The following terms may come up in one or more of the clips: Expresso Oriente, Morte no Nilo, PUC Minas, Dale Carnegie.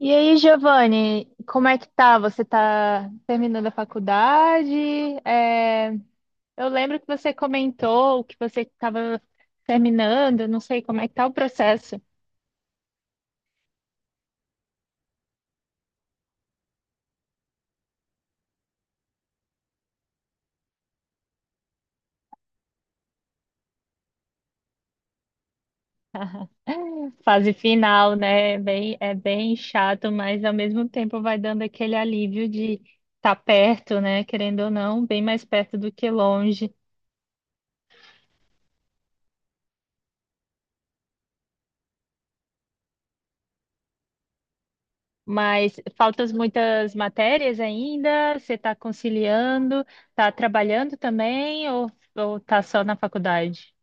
E aí, Giovanni, como é que tá? Você tá terminando a faculdade? É, eu lembro que você comentou que você estava terminando, não sei como é que tá o processo. Fase final, né? Bem, é bem chato, mas ao mesmo tempo vai dando aquele alívio de estar perto, né? Querendo ou não, bem mais perto do que longe. Mas faltas muitas matérias ainda? Você está conciliando? Está trabalhando também ou está só na faculdade?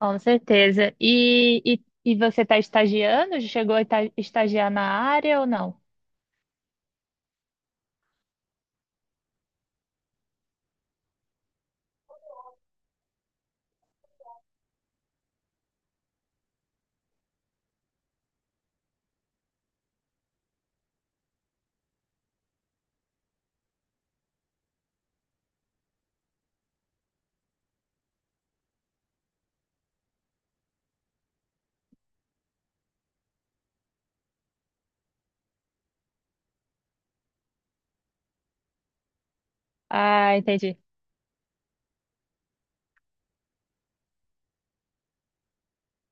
Com certeza. E você está estagiando? Chegou a estagiar na área ou não? Ah, entendi.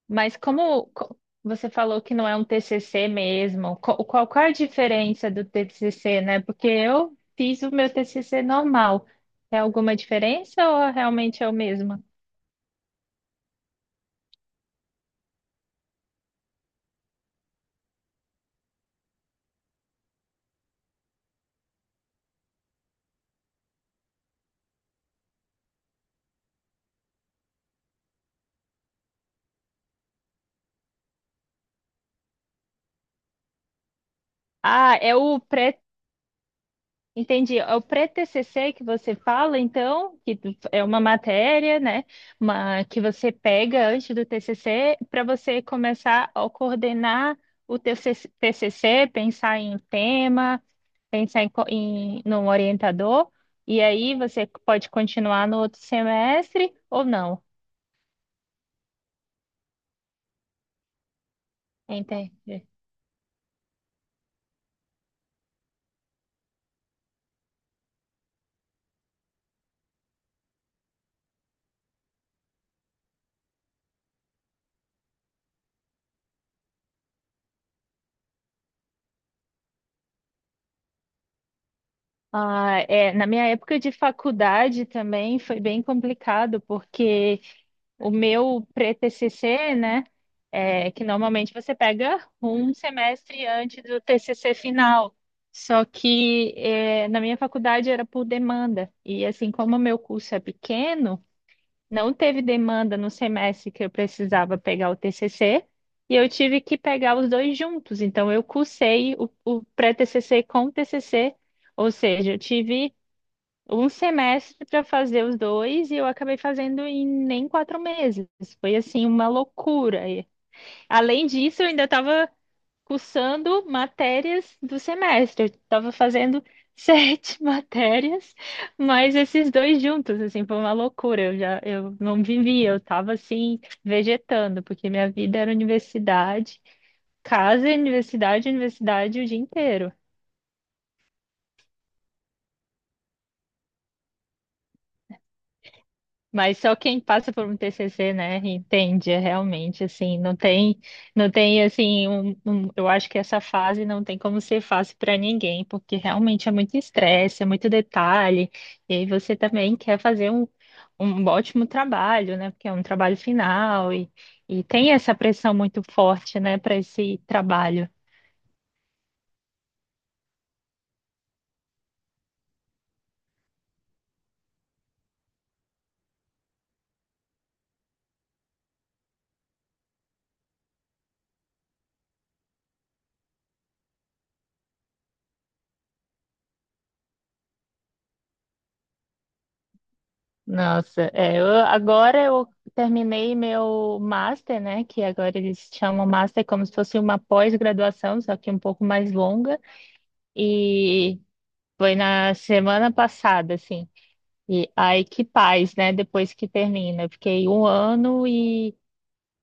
Mas você falou que não é um TCC mesmo, qual, qual a diferença do TCC, né? Porque eu fiz o meu TCC normal. É alguma diferença ou realmente é o mesmo? Ah, é o Entendi. É o pré-TCC que você fala, então, que é uma matéria, né, uma, que você pega antes do TCC para você começar a coordenar o teu TCC, pensar em tema, pensar em, num orientador, e aí você pode continuar no outro semestre ou não. Entendi. Ah, é, na minha época de faculdade também foi bem complicado, porque o meu pré-TCC, né, é que normalmente você pega um semestre antes do TCC final. Só que é, na minha faculdade era por demanda. E assim, como o meu curso é pequeno, não teve demanda no semestre que eu precisava pegar o TCC e eu tive que pegar os dois juntos. Então, eu cursei o pré-TCC com o TCC, ou seja, eu tive um semestre para fazer os dois e eu acabei fazendo em nem 4 meses. Foi assim uma loucura. E, além disso, eu ainda estava cursando matérias do semestre. Eu estava fazendo 7 matérias, mas esses dois juntos, assim, foi uma loucura. Eu não vivia, eu estava assim, vegetando, porque minha vida era universidade, casa, universidade, universidade o dia inteiro. Mas só quem passa por um TCC, né, entende é realmente assim, não tem, não tem assim, eu acho que essa fase não tem como ser fácil para ninguém, porque realmente é muito estresse, é muito detalhe, e aí você também quer fazer um ótimo trabalho, né, porque é um trabalho final e tem essa pressão muito forte, né, para esse trabalho. Agora eu terminei meu master, né? Que agora eles chamam master como se fosse uma pós-graduação, só que um pouco mais longa. E foi na semana passada, assim. E aí que paz, né? Depois que termina. Eu fiquei um ano e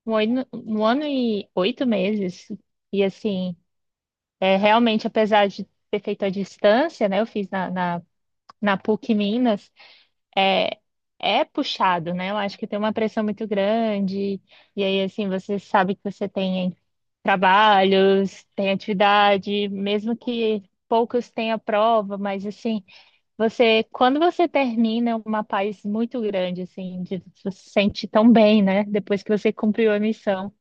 um ano, 1 ano e 8 meses. E assim, é realmente, apesar de ter feito à distância, né? Eu fiz na PUC Minas. É, é puxado, né? Eu acho que tem uma pressão muito grande. E aí, assim, você sabe que você tem trabalhos, tem atividade, mesmo que poucos tenham prova, mas assim, quando você termina, é uma paz muito grande, assim, de, você se sente tão bem, né? Depois que você cumpriu a missão.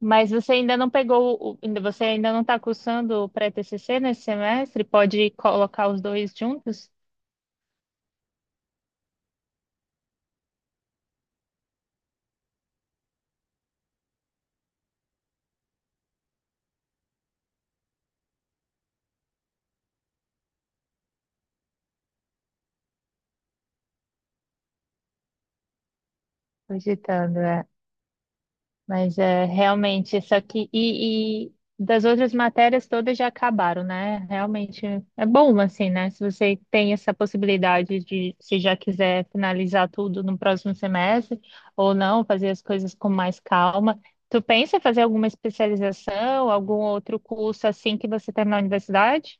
Mas você ainda não pegou, ainda não está cursando o pré-TCC nesse semestre? Pode colocar os dois juntos? Cogitando, mas é realmente isso aqui. E das outras matérias todas já acabaram, né? Realmente é bom, assim, né? Se você tem essa possibilidade de, se já quiser finalizar tudo no próximo semestre, ou não, fazer as coisas com mais calma. Tu pensa em fazer alguma especialização, algum outro curso assim que você terminar a universidade?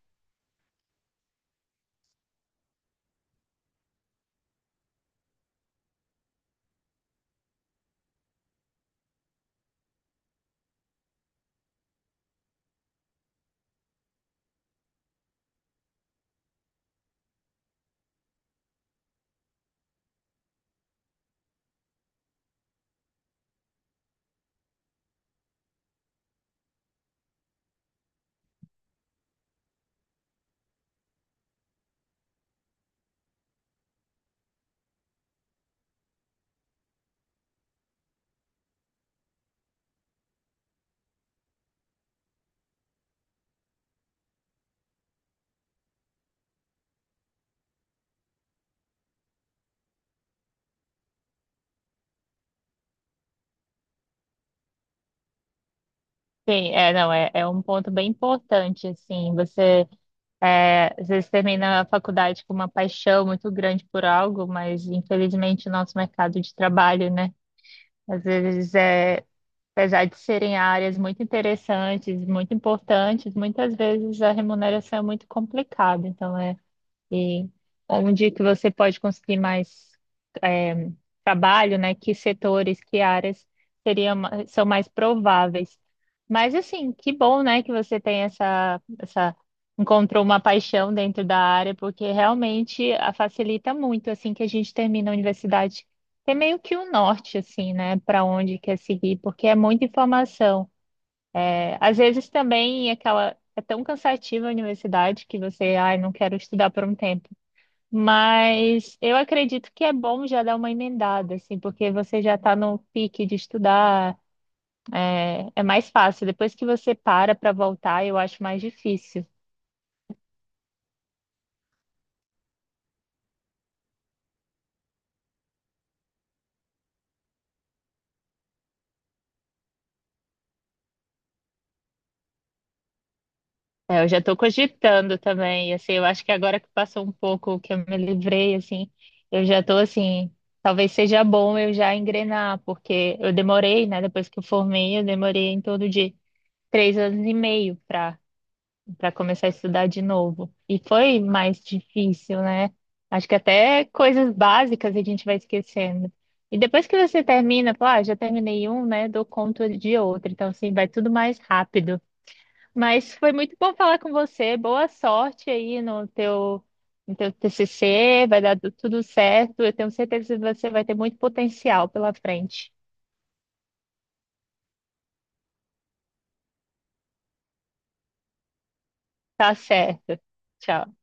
Sim, é, não, é, é um ponto bem importante, assim, você. É, às vezes termina a faculdade com uma paixão muito grande por algo, mas infelizmente o nosso mercado de trabalho, né? Às vezes é, apesar de serem áreas muito interessantes, muito importantes, muitas vezes a remuneração é muito complicada. E onde que você pode conseguir mais é, trabalho, né? Que setores, que áreas seriam, são mais prováveis. Mas assim, que bom, né, que você tem essa encontrou uma paixão dentro da área, porque realmente a facilita muito assim que a gente termina a universidade. Tem meio que o norte, assim, né, para onde quer seguir, porque é muita informação. É, às vezes também é aquela é tão cansativa a universidade que você, ai, não quero estudar por um tempo. Mas eu acredito que é bom já dar uma emendada, assim, porque você já está no pique de estudar, é mais fácil. Depois que você para para voltar, eu acho mais difícil. É, eu já estou cogitando também, assim, eu acho que agora que passou um pouco que eu me livrei, assim, eu já estou assim, talvez seja bom eu já engrenar, porque eu demorei, né? Depois que eu formei, eu demorei em torno de 3 anos e meio para começar a estudar de novo. E foi mais difícil, né? Acho que até coisas básicas a gente vai esquecendo. E depois que você termina, fala, ah, já terminei um, né? Dou conta de outro. Então, assim, vai tudo mais rápido. Mas foi muito bom falar com você. Boa sorte aí no teu, no teu TCC. Vai dar tudo certo. Eu tenho certeza que você vai ter muito potencial pela frente. Tá certo. Tchau.